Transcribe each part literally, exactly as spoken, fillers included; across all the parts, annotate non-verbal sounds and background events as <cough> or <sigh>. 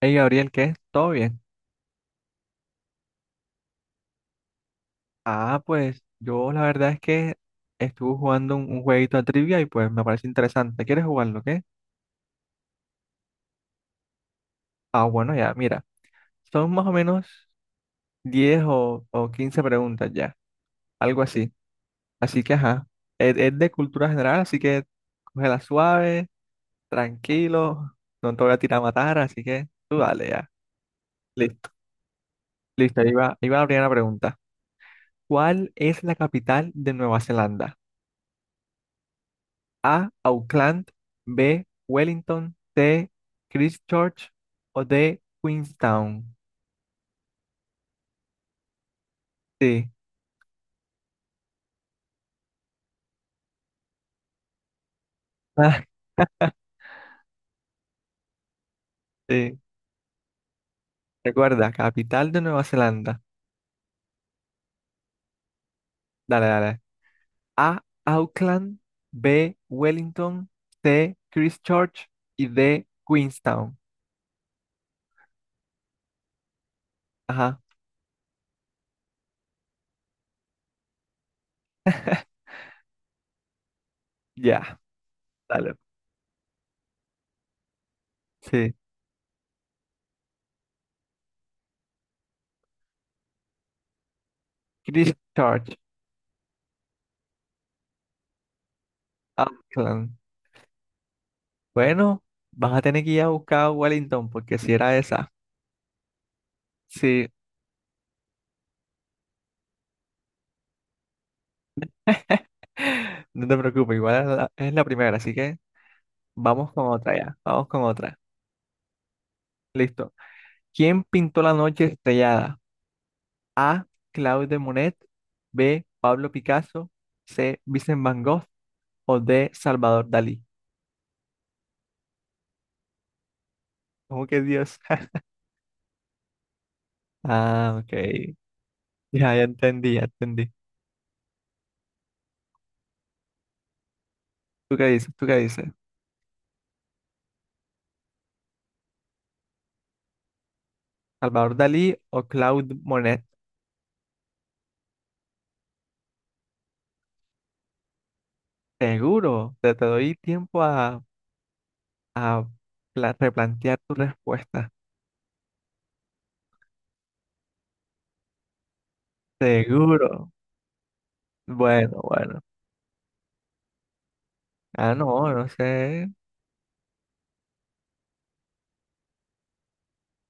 Hey Gabriel, ¿qué? ¿Todo bien? Ah, pues yo la verdad es que estuve jugando un, un jueguito de trivia y pues me parece interesante. ¿Quieres jugarlo, qué? Ah, bueno, ya, mira. Son más o menos diez o, o quince preguntas ya, algo así. Así que, ajá, es, es de cultura general, así que cógela suave, tranquilo, no te voy a tirar a matar, así que tú dale ya. Listo, listo, ahí va, ahí va la primera pregunta. ¿Cuál es la capital de Nueva Zelanda? A. Auckland. B. Wellington. C. Christchurch. O D. Queenstown. Sí. Ah, sí. <laughs> Recuerda, capital de Nueva Zelanda. Dale, dale. A. Auckland. B. Wellington. C. Christchurch. Y D. Queenstown. Ajá. Ya. Dale. Sí. Christchurch. Auckland. Bueno, vas a tener que ir a buscar a Wellington porque si era esa. Sí. <laughs> No te preocupes, igual es la, es la primera, así que vamos con otra ya, vamos con otra. Listo. ¿Quién pintó la noche estrellada? A. Claude de Monet, B. Pablo Picasso, C. Vincent Van Gogh o D. Salvador Dalí. ¿Cómo que Dios? <laughs> Ah, ok. Ya, ya entendí, ya entendí. ¿Tú qué dices? ¿Tú qué dices? ¿Salvador Dalí o Claude Monet? Seguro, te, te doy tiempo a, a pla- replantear tu respuesta. Seguro. Bueno, bueno. Ah, no, no sé.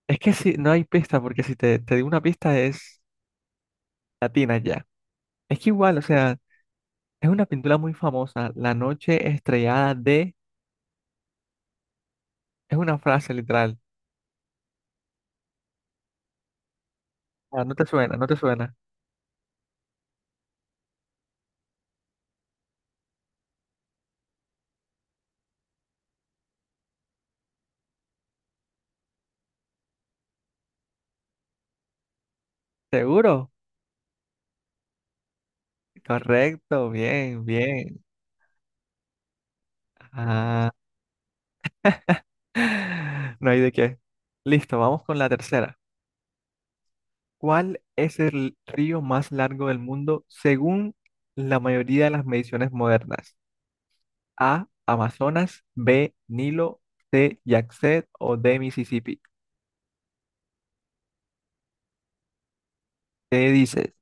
Es que si no hay pista, porque si te, te digo una pista es latina ya. Es que igual, o sea, es una pintura muy famosa, La noche estrellada de... Es una frase literal. Ah, no te suena, no te suena. ¿Seguro? Correcto, bien, bien. Ah, <laughs> no hay de qué. Listo, vamos con la tercera. ¿Cuál es el río más largo del mundo según la mayoría de las mediciones modernas? A, Amazonas; B, Nilo; C, Yangtze o D, Mississippi. ¿Qué dices?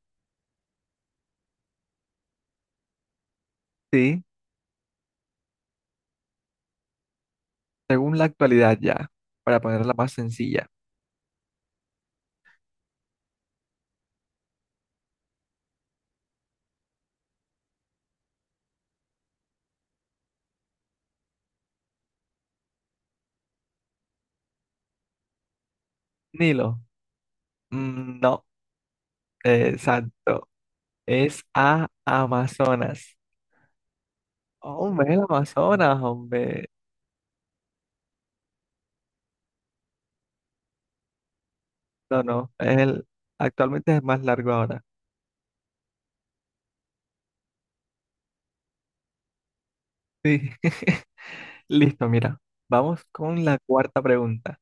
Sí, según la actualidad ya, para ponerla más sencilla. Nilo, mm, no, exacto, es a Amazonas. Hombre, el Amazonas, hombre. No, no, es el, actualmente es el más largo ahora. Sí, <laughs> listo, mira, vamos con la cuarta pregunta.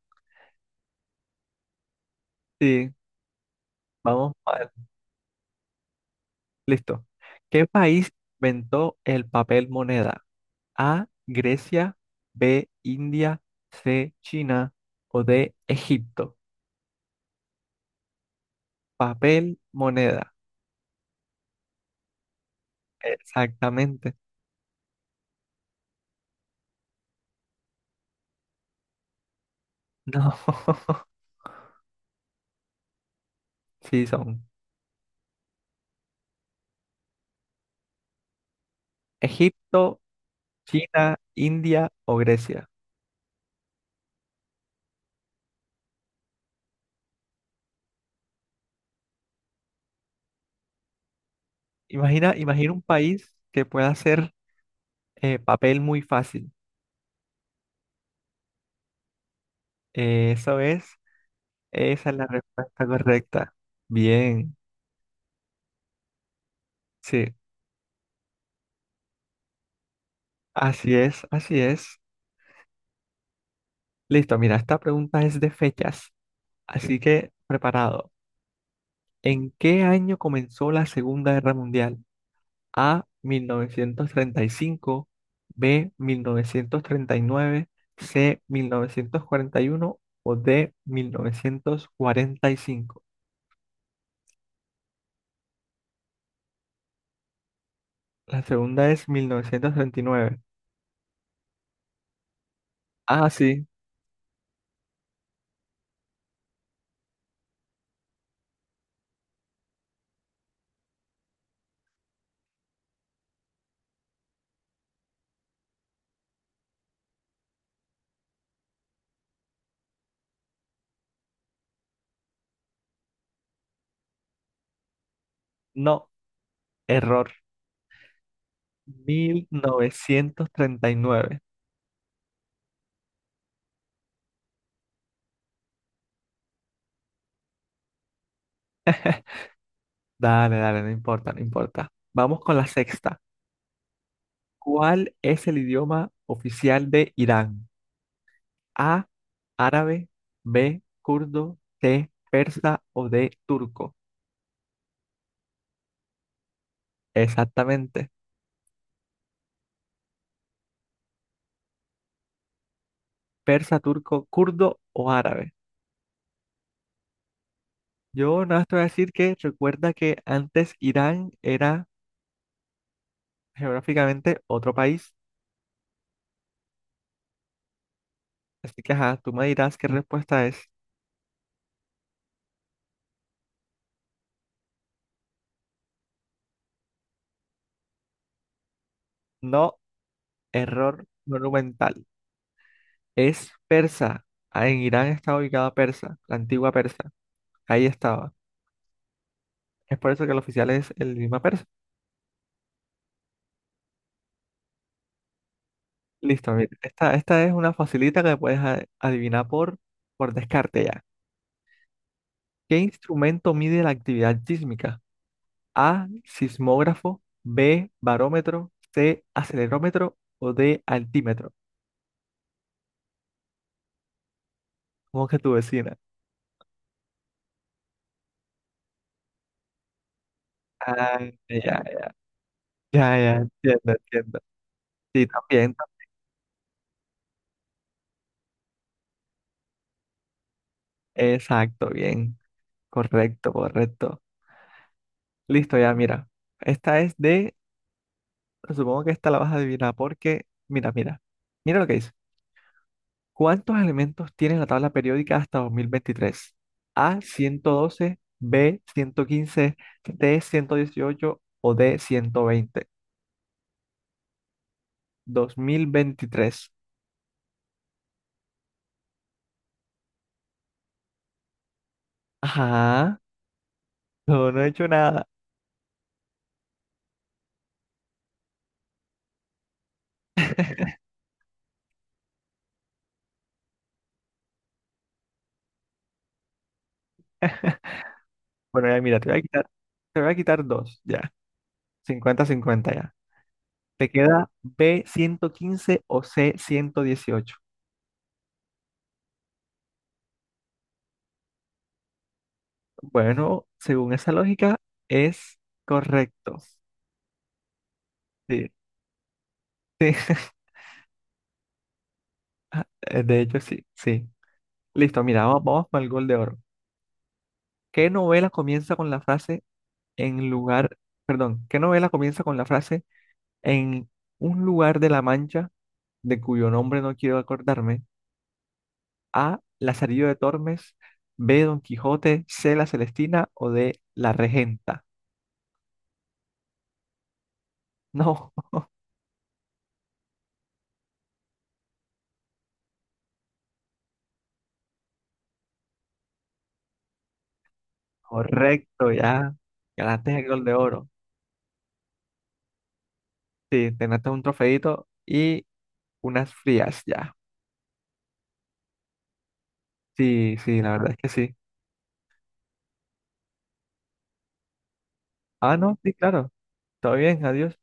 Sí, vamos, mal. Listo. ¿Qué país inventó el papel moneda? A, Grecia; B, India; C, China o D, Egipto. Papel, moneda. Exactamente. No. <laughs> Sí, son Egipto, China, India o Grecia. Imagina, imagina un país que pueda hacer eh, papel muy fácil. Eh, eso es, esa es la respuesta correcta. Bien, sí, así es, así es. Listo, mira, esta pregunta es de fechas, así que preparado. ¿En qué año comenzó la Segunda Guerra Mundial? A, mil novecientos treinta y cinco; B, mil novecientos treinta y nueve; C, mil novecientos cuarenta y uno o D, mil novecientos cuarenta y cinco. La segunda es mil novecientos treinta y nueve. Ah, sí, no, error. Mil novecientos treinta y nueve. Dale, dale, no importa, no importa. Vamos con la sexta. ¿Cuál es el idioma oficial de Irán? A, árabe; B, kurdo; C, persa o D, turco. Exactamente. Persa, turco, kurdo o árabe. Yo nada más te voy a decir que recuerda que antes Irán era geográficamente otro país. Así que ajá, tú me dirás qué respuesta es. No, error monumental. Es persa. Ah, en Irán está ubicada Persa, la antigua Persa. Ahí estaba. Es por eso que el oficial es el idioma persa. Listo, mira. Esta, esta es una facilita que puedes a- adivinar por, por descarte ya. ¿Qué instrumento mide la actividad sísmica? A, sismógrafo; B, barómetro; C, acelerómetro o D, altímetro. ¿Cómo que tu vecina? Ah, ya, ya, <laughs> ya, entiendo, entiendo. Sí, también, tam- exacto, bien. Correcto, correcto. Listo, ya, mira. Esta es de, supongo que esta la vas a adivinar porque, mira, mira. Mira lo que dice. ¿Cuántos elementos tiene la tabla periódica hasta dos mil veintitrés? A, ciento doce; B, ciento quince; C, ciento dieciocho o D, ciento veinte. dos mil veintitrés. Ajá, no, no he hecho nada. <laughs> Bueno, ya mira, te voy a quitar, te voy a quitar dos, ya. cincuenta a cincuenta ya. Te queda B ciento quince o C ciento dieciocho. Bueno, según esa lógica, es correcto. Sí, sí, <laughs> de hecho sí, sí. Listo, mira, vamos, vamos para el gol de oro. ¿Qué novela comienza con la frase en lugar, perdón, qué novela comienza con la frase en un lugar de la Mancha de cuyo nombre no quiero acordarme? A. Lazarillo de Tormes, B. Don Quijote, C. La Celestina o D. La Regenta. No, <laughs> correcto, ya. Ganaste el gol de oro. Sí, te ganaste un trofeito y unas frías, ya. Sí, sí, la verdad es que sí. Ah, no, sí, claro. Todo bien, adiós.